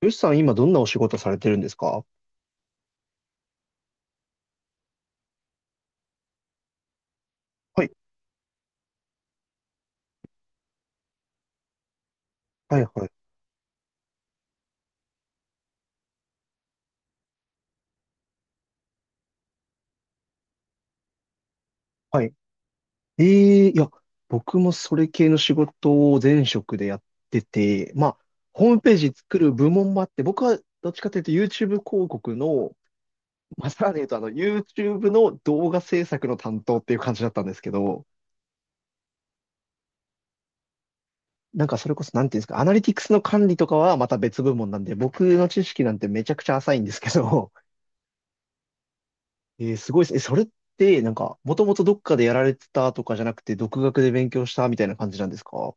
よしさん、今どんなお仕事されてるんですか？はい、はい、はい、はい。ええ、いや、僕もそれ系の仕事を前職でやってて、まあ、ホームページ作る部門もあって、僕はどっちかというと YouTube 広告の、まあ、さらに言うとYouTube の動画制作の担当っていう感じだったんですけど、それこそ、なんていうんですか、アナリティクスの管理とかはまた別部門なんで、僕の知識なんてめちゃくちゃ浅いんですけど、えーすごいですね。え、それって、なんか、もともとどっかでやられてたとかじゃなくて、独学で勉強したみたいな感じなんですか？は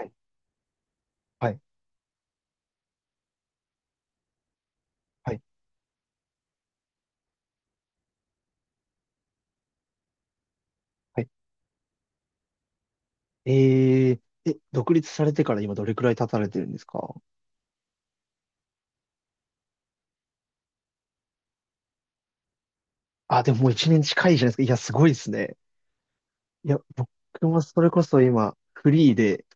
いはいはいはい。えー、え、独立されてから今どれくらい経たれてるんですか？あ、でももう一年近いじゃないですか。いや、すごいですね。いや、僕もそれこそ今、フリーで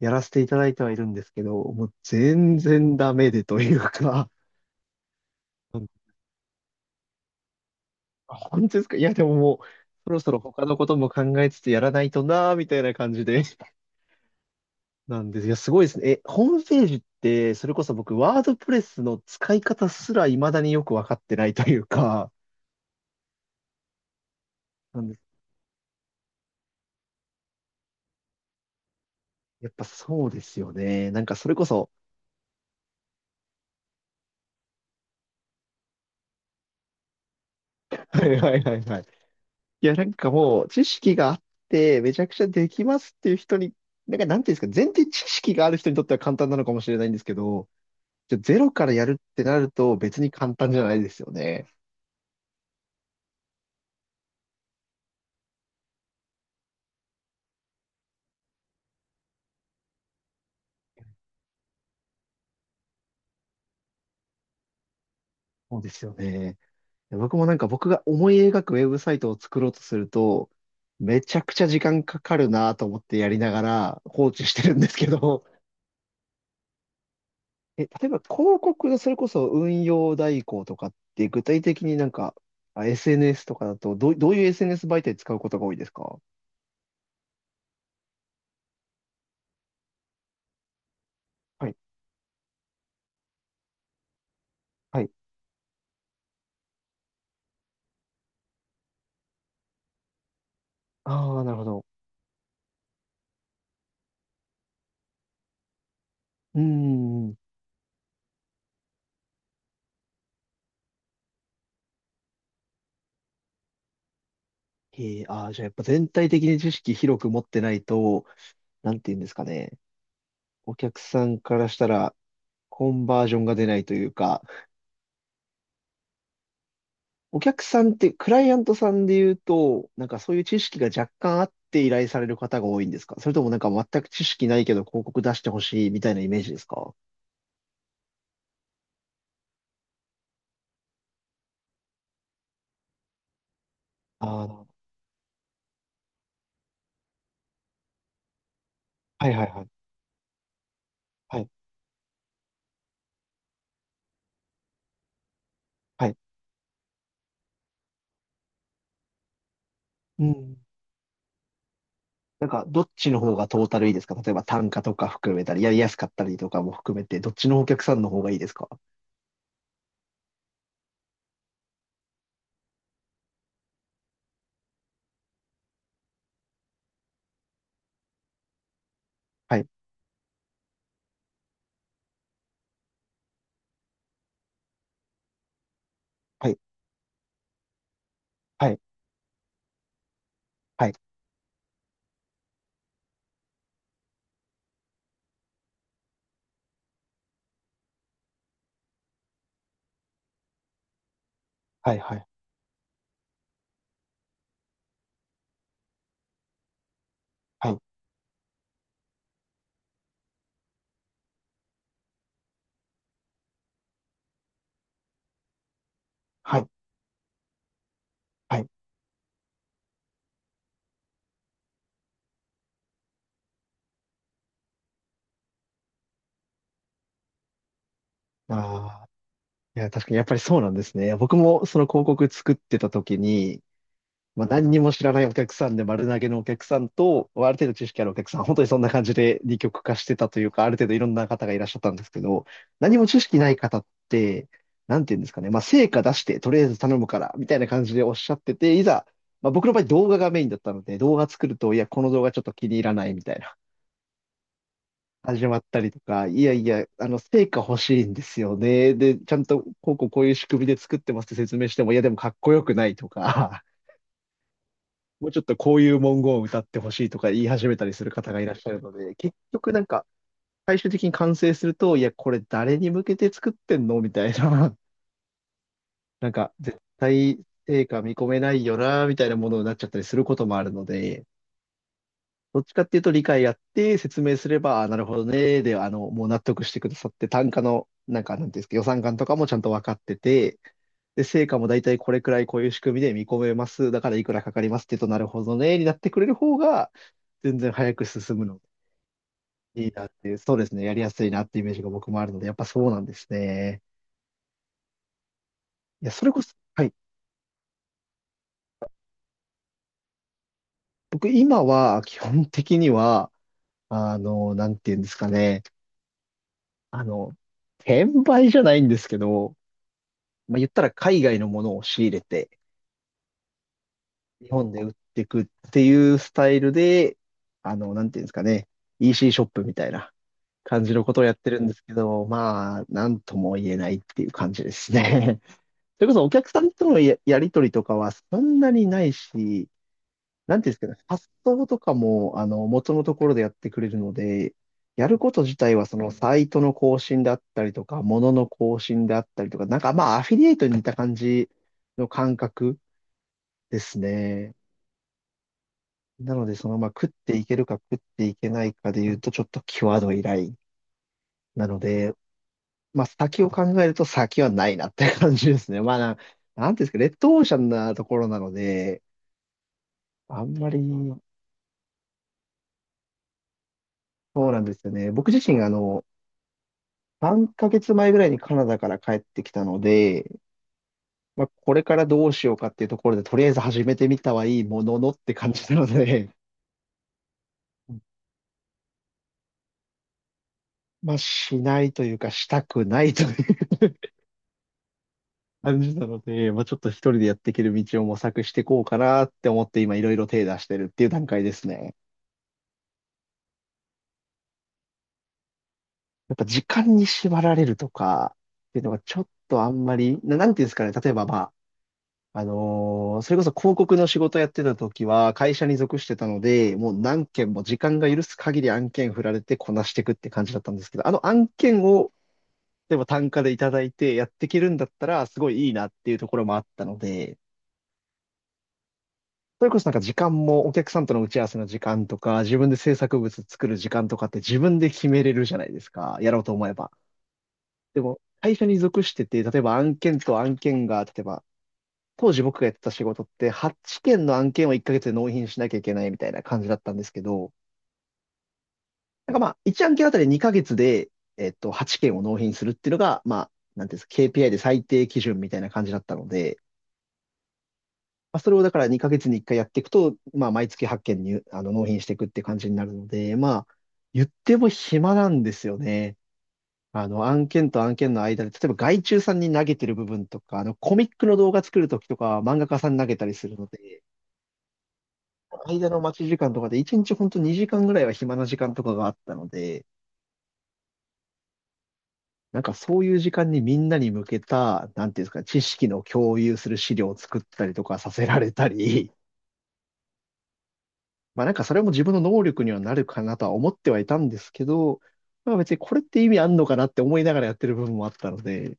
やらせていただいてはいるんですけど、もう全然ダメでというか、うん。あ、本当ですか？いや、でももう、そろそろ他のことも考えつつやらないとなーみたいな感じで。なんです。いや、すごいですね。え、ホームページって、それこそ僕、ワードプレスの使い方すら未だによくわかってないというか、なんです。やっぱそうですよね。それこそ、はいはいはいはい。いや、なんかもう、知識があって、めちゃくちゃできますっていう人に、なんか、なんていうんですか、前提知識がある人にとっては簡単なのかもしれないんですけど、じゃあゼロからやるってなると別に簡単じゃないですよね。そうですよね。僕もなんか僕が思い描くウェブサイトを作ろうとすると、めちゃくちゃ時間かかるなと思ってやりながら放置してるんですけど、え、例えば広告のそれこそ運用代行とかって具体的になんか、あ、 SNS とかだとどういう SNS 媒体使うことが多いですか？はい。はい。ああ、なるほど。うーん。ええ、ああ、じゃあやっぱ全体的に知識広く持ってないと、なんて言うんですかね。お客さんからしたらコンバージョンが出ないというか、お客さんって、クライアントさんで言うと、なんかそういう知識が若干あって依頼される方が多いんですか？それともなんか全く知識ないけど広告出してほしいみたいなイメージですか？ああー、はいはいはい。はい。はい。うん。なんか、どっちの方がトータルいいですか？例えば単価とか含めたり、やりやすかったりとかも含めて、どっちのお客さんの方がいいですか？はい。はい。はい。はい。はい。はい。はい。はい。はい。ああ。いや、確かにやっぱりそうなんですね。僕もその広告作ってた時に、まあ、何にも知らないお客さんで丸投げのお客さんと、ある程度知識あるお客さん、本当にそんな感じで二極化してたというか、ある程度いろんな方がいらっしゃったんですけど、何も知識ない方って、なんて言うんですかね、まあ、成果出して、とりあえず頼むから、みたいな感じでおっしゃってて、いざ、まあ、僕の場合動画がメインだったので、動画作ると、いや、この動画ちょっと気に入らないみたいな、始まったりとか、いやいや、成果欲しいんですよね。で、ちゃんと、こうこうこういう仕組みで作ってますって説明しても、いや、でもかっこよくないとか、もうちょっとこういう文言を歌ってほしいとか言い始めたりする方がいらっしゃるので、結局なんか最終的に完成すると、いや、これ誰に向けて作ってんのみたいな、なんか絶対成果見込めないよな、みたいなものになっちゃったりすることもあるので、どっちかっていうと理解やって説明すれば、あ、なるほどね、で、もう納得してくださって、単価の、なんか、なんていうんですか、予算感とかもちゃんと分かってて、で、成果も大体これくらいこういう仕組みで見込めます。だからいくらかかりますって言うと、なるほどね、になってくれる方が、全然早く進むのでいいなっていう、そうですね、やりやすいなっていうイメージが僕もあるので、やっぱそうなんですね。いや、それこそ、はい。僕、今は、基本的には、なんていうんですかね、あの、転売じゃないんですけど、まあ、言ったら海外のものを仕入れて、日本で売っていくっていうスタイルで、なんていうんですかね、EC シーショップみたいな感じのことをやってるんですけど、まあ、なんとも言えないっていう感じですね。それこそお客さんとのやりとりとかはそんなにないし、なんていうんですかね、発送とかも、元のところでやってくれるので、やること自体はそのサイトの更新だったりとか、ものの更新であったりとか、なんかまあアフィリエイトに似た感じの感覚ですね。なので、その、まあ、食っていけるか食っていけないかで言うと、ちょっと際どいライン。なので、まあ、先を考えると先はないなって感じですね。なんていうんですか、レッドオーシャンなところなので、あんまり、そうなんですよね。僕自身、3ヶ月前ぐらいにカナダから帰ってきたので、まあ、これからどうしようかっていうところで、とりあえず始めてみたはいいもののって感じなので、まあ、しないというか、したくないという感じなので、まあ、ちょっと一人でやっていける道を模索していこうかなって思って今いろいろ手出してるっていう段階ですね。やっぱ時間に縛られるとかっていうのがちょっとあんまり、なんていうんですかね、例えばまあ、それこそ広告の仕事やってた時は会社に属してたので、もう何件も時間が許す限り案件振られてこなしていくって感じだったんですけど、あの案件を例えば単価でいただいてやっていけるんだったらすごいいいなっていうところもあったので、それこそなんか時間もお客さんとの打ち合わせの時間とか、自分で制作物作る時間とかって自分で決めれるじゃないですか。やろうと思えば。でも、会社に属してて、例えば案件と案件が、例えば、当時僕がやってた仕事って8件の案件を1ヶ月で納品しなきゃいけないみたいな感じだったんですけど、なんかまあ、1案件あたり2ヶ月で、8件を納品するっていうのが、まあ、なんていうんですか、KPI で最低基準みたいな感じだったので、まあ、それをだから2ヶ月に1回やっていくと、まあ、毎月8件に、納品していくって感じになるので、まあ、言っても暇なんですよね。案件と案件の間で、例えば外注さんに投げてる部分とか、コミックの動画作るときとか、漫画家さんに投げたりするので、間の待ち時間とかで1日ほんと2時間ぐらいは暇な時間とかがあったので、なんかそういう時間にみんなに向けた、なんていうんですか、知識の共有する資料を作ったりとかさせられたり、まあなんかそれも自分の能力にはなるかなとは思ってはいたんですけど、まあ別にこれって意味あんのかなって思いながらやってる部分もあったので、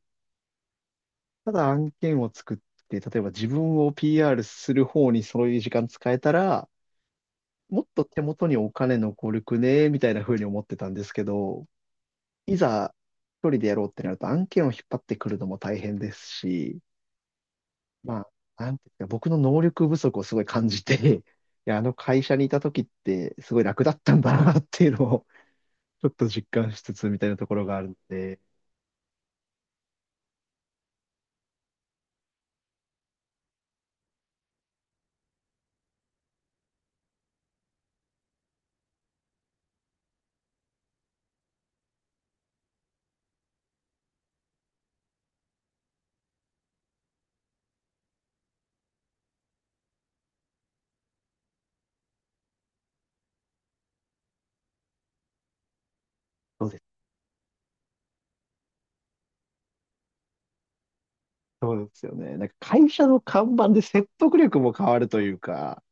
ただ案件を作って、例えば自分を PR する方にそういう時間使えたら、もっと手元にお金残るくね、みたいな風に思ってたんですけど、いざ一人でやろうってなると案件を引っ張ってくるのも大変ですし、まあ、なんていうか、僕の能力不足をすごい感じて、いや、あの会社にいた時ってすごい楽だったんだなっていうのをちょっと実感しつつみたいなところがあるので、そうです。そうですよね。なんか会社の看板で説得力も変わるというか、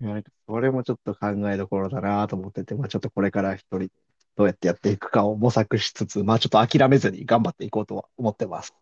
いや、なんかそれもちょっと考えどころだなと思ってて、まあちょっとこれから一人どうやってやっていくかを模索しつつ、まあちょっと諦めずに頑張っていこうとは思ってます。